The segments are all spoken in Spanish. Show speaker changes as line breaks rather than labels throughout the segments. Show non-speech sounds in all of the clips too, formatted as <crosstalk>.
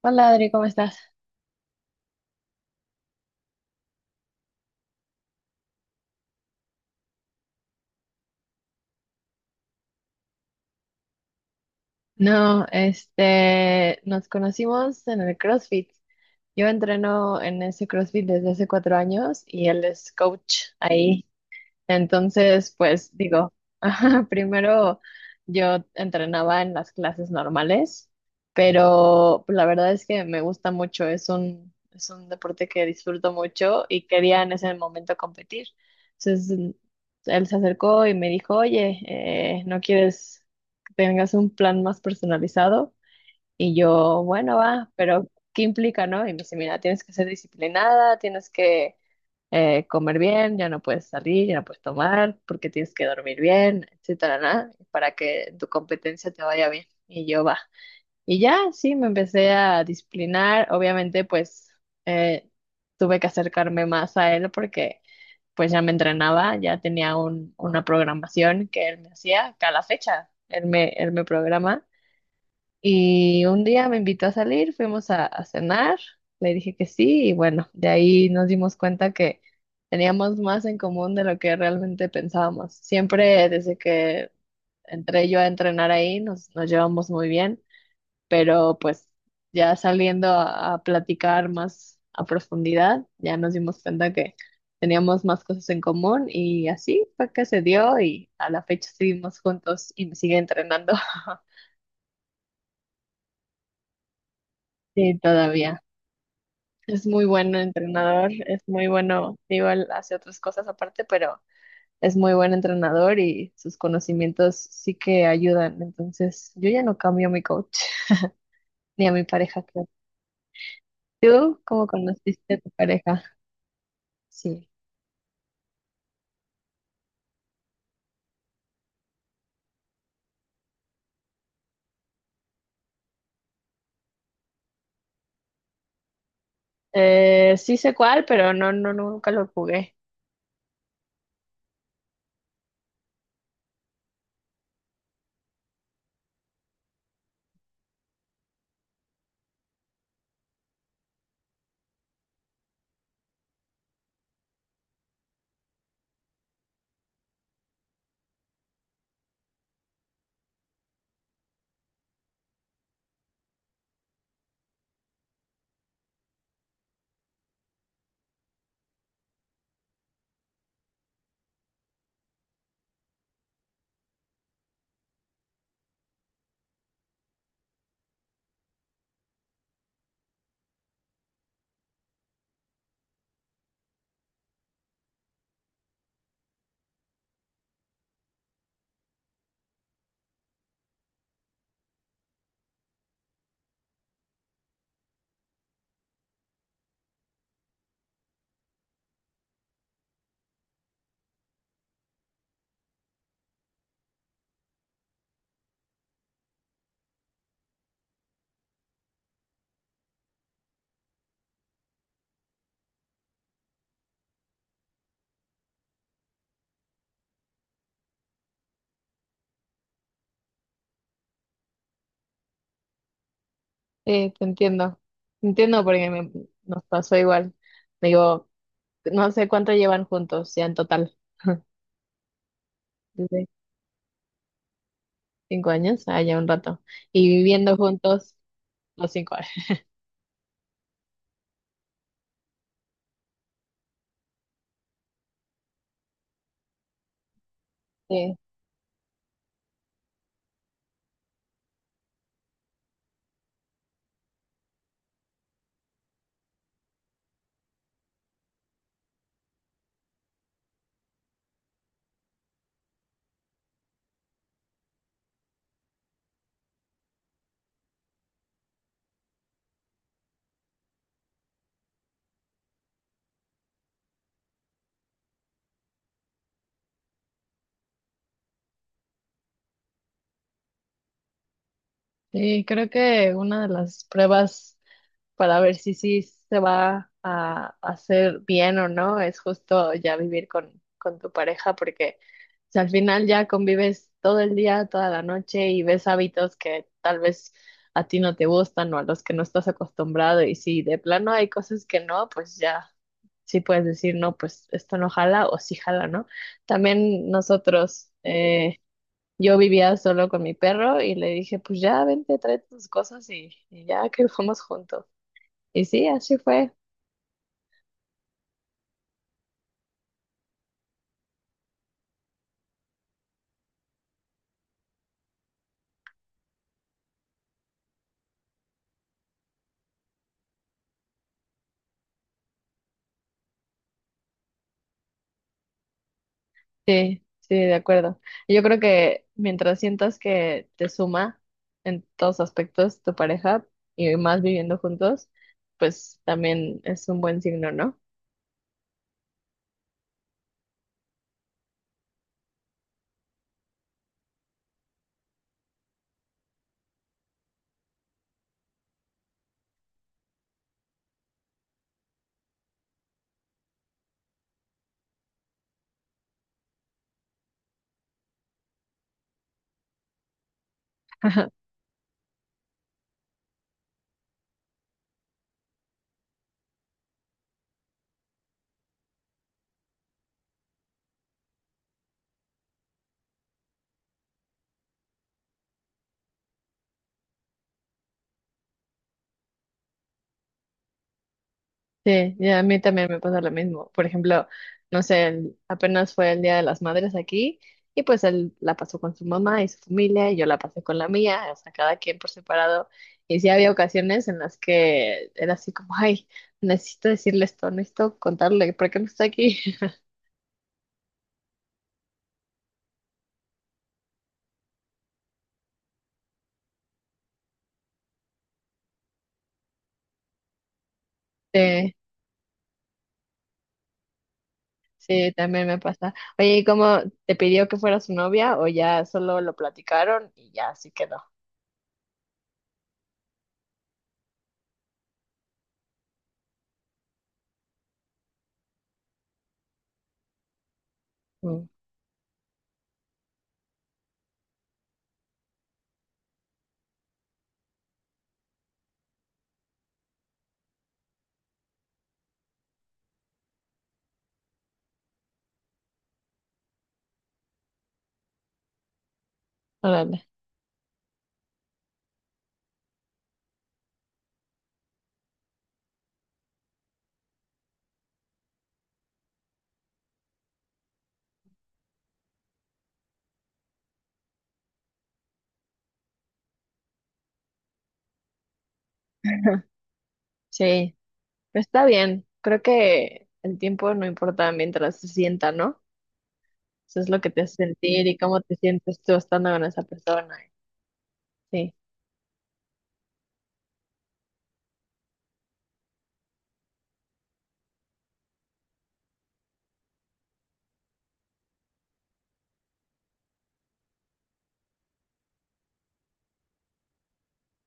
Hola Adri, ¿cómo estás? No, nos conocimos en el CrossFit. Yo entreno en ese CrossFit desde hace 4 años y él es coach ahí. Entonces, pues digo, <laughs> ajá, primero yo entrenaba en las clases normales, pero pues, la verdad es que me gusta mucho, es un deporte que disfruto mucho y quería en ese momento competir. Entonces, él se acercó y me dijo, oye, ¿no quieres que tengas un plan más personalizado? Y yo, bueno, va, pero ¿qué implica, no? Y me dice, mira, tienes que ser disciplinada, tienes que comer bien, ya no puedes salir, ya no puedes tomar, porque tienes que dormir bien, etcétera, ¿no? Para que tu competencia te vaya bien. Y yo va. Y ya, sí, me empecé a disciplinar. Obviamente, pues eh, tuve que acercarme más a él porque pues ya me entrenaba, ya tenía una programación que él me hacía cada fecha. Él me programa y un día me invitó a salir, fuimos a cenar, le dije que sí y bueno, de ahí nos dimos cuenta que teníamos más en común de lo que realmente pensábamos. Siempre desde que entré yo a entrenar ahí nos llevamos muy bien, pero pues ya saliendo a platicar más a profundidad, ya nos dimos cuenta que teníamos más cosas en común y así fue que se dio y a la fecha seguimos juntos y me sigue entrenando. <laughs> Sí, todavía. Es muy bueno entrenador, es muy bueno, igual hace otras cosas aparte, pero es muy buen entrenador y sus conocimientos sí que ayudan. Entonces, yo ya no cambio a mi coach <laughs> ni a mi pareja, creo. ¿Tú cómo conociste a tu pareja? Sí. Sí sé cuál, pero no, no, nunca lo jugué. Sí, te entiendo. Te entiendo porque nos pasó igual. Digo, no sé cuánto llevan juntos, ya en total. <laughs> Desde 5 años, ah, ya un rato. Y viviendo juntos. Los 5 <laughs> años. Sí, sí, creo que una de las pruebas para ver si sí se va a hacer bien o no es justo ya vivir con tu pareja, porque si al final ya convives todo el día, toda la noche y ves hábitos que tal vez a ti no te gustan o a los que no estás acostumbrado y si de plano hay cosas que no, pues ya sí puedes decir, no, pues esto no jala o sí jala, ¿no? También nosotros. Yo vivía solo con mi perro y le dije, pues ya, vente, trae tus cosas y ya que <laughs> fuimos juntos. Y sí, así fue. Sí, sí, de acuerdo. Yo creo que mientras sientas que te suma en todos aspectos tu pareja y más viviendo juntos, pues también es un buen signo, ¿no? <laughs> Sí, y a mí también me pasa lo mismo. Por ejemplo, no sé, apenas fue el Día de las Madres aquí y pues él la pasó con su mamá y su familia y yo la pasé con la mía, o sea, cada quien por separado. Y sí había ocasiones en las que era así como, ay, necesito decirle esto, necesito contarle, ¿por qué no está aquí? <laughs> Sí, sí, también me pasa. Oye, ¿y cómo te pidió que fuera su novia o ya solo lo platicaron y ya así quedó? Mm, órale. <laughs> Sí. Pero está bien, creo que el tiempo no importa mientras se sienta, ¿no? Eso es lo que te hace sentir y cómo te sientes tú estando con esa persona. Sí,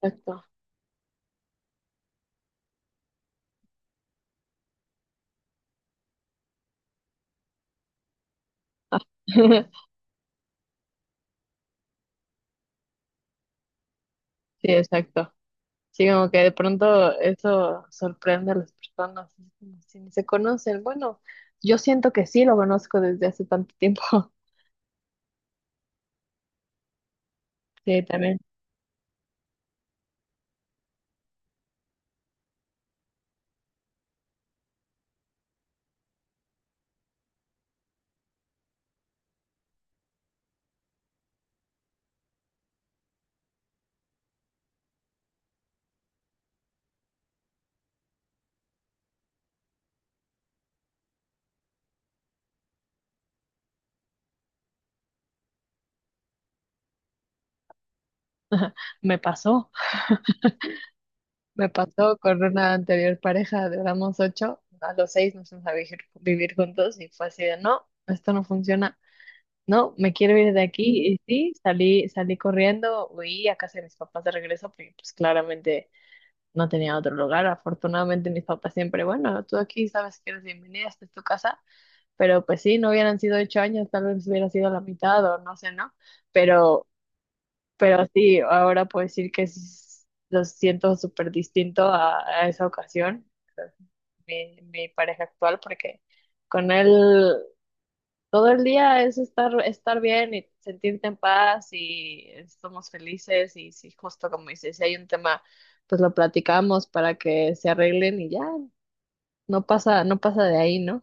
exacto. Ah, <laughs> sí, exacto. Sí, como que de pronto eso sorprende a las personas, así como si ni se conocen. Bueno, yo siento que sí lo conozco desde hace tanto tiempo. <laughs> Sí, también me pasó, me pasó con una anterior pareja, duramos ocho, a los seis nos fuimos a vivir, juntos y fue así de, no, esto no funciona. No, me quiero ir de aquí. Y sí, salí corriendo, huí a casa de mis papás de regreso, porque pues claramente no tenía otro lugar. Afortunadamente mis papás siempre, bueno, tú aquí sabes que eres bienvenida, esta es tu casa. Pero pues sí, no hubieran sido 8 años, tal vez hubiera sido la mitad o no sé, ¿no? Pero, pero sí, ahora puedo decir que lo siento súper distinto a esa ocasión, mi pareja actual, porque con él. Todo el día es estar bien y sentirte en paz y estamos felices y si justo como dices, si hay un tema, pues lo platicamos para que se arreglen y ya, no pasa, no pasa de ahí, ¿no?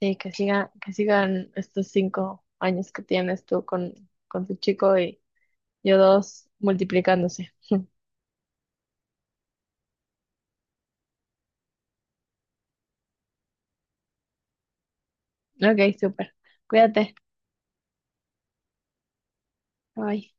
Sí, que siga, que sigan estos 5 años que tienes tú con tu chico y yo dos multiplicándose. Ok, súper. Cuídate. Bye.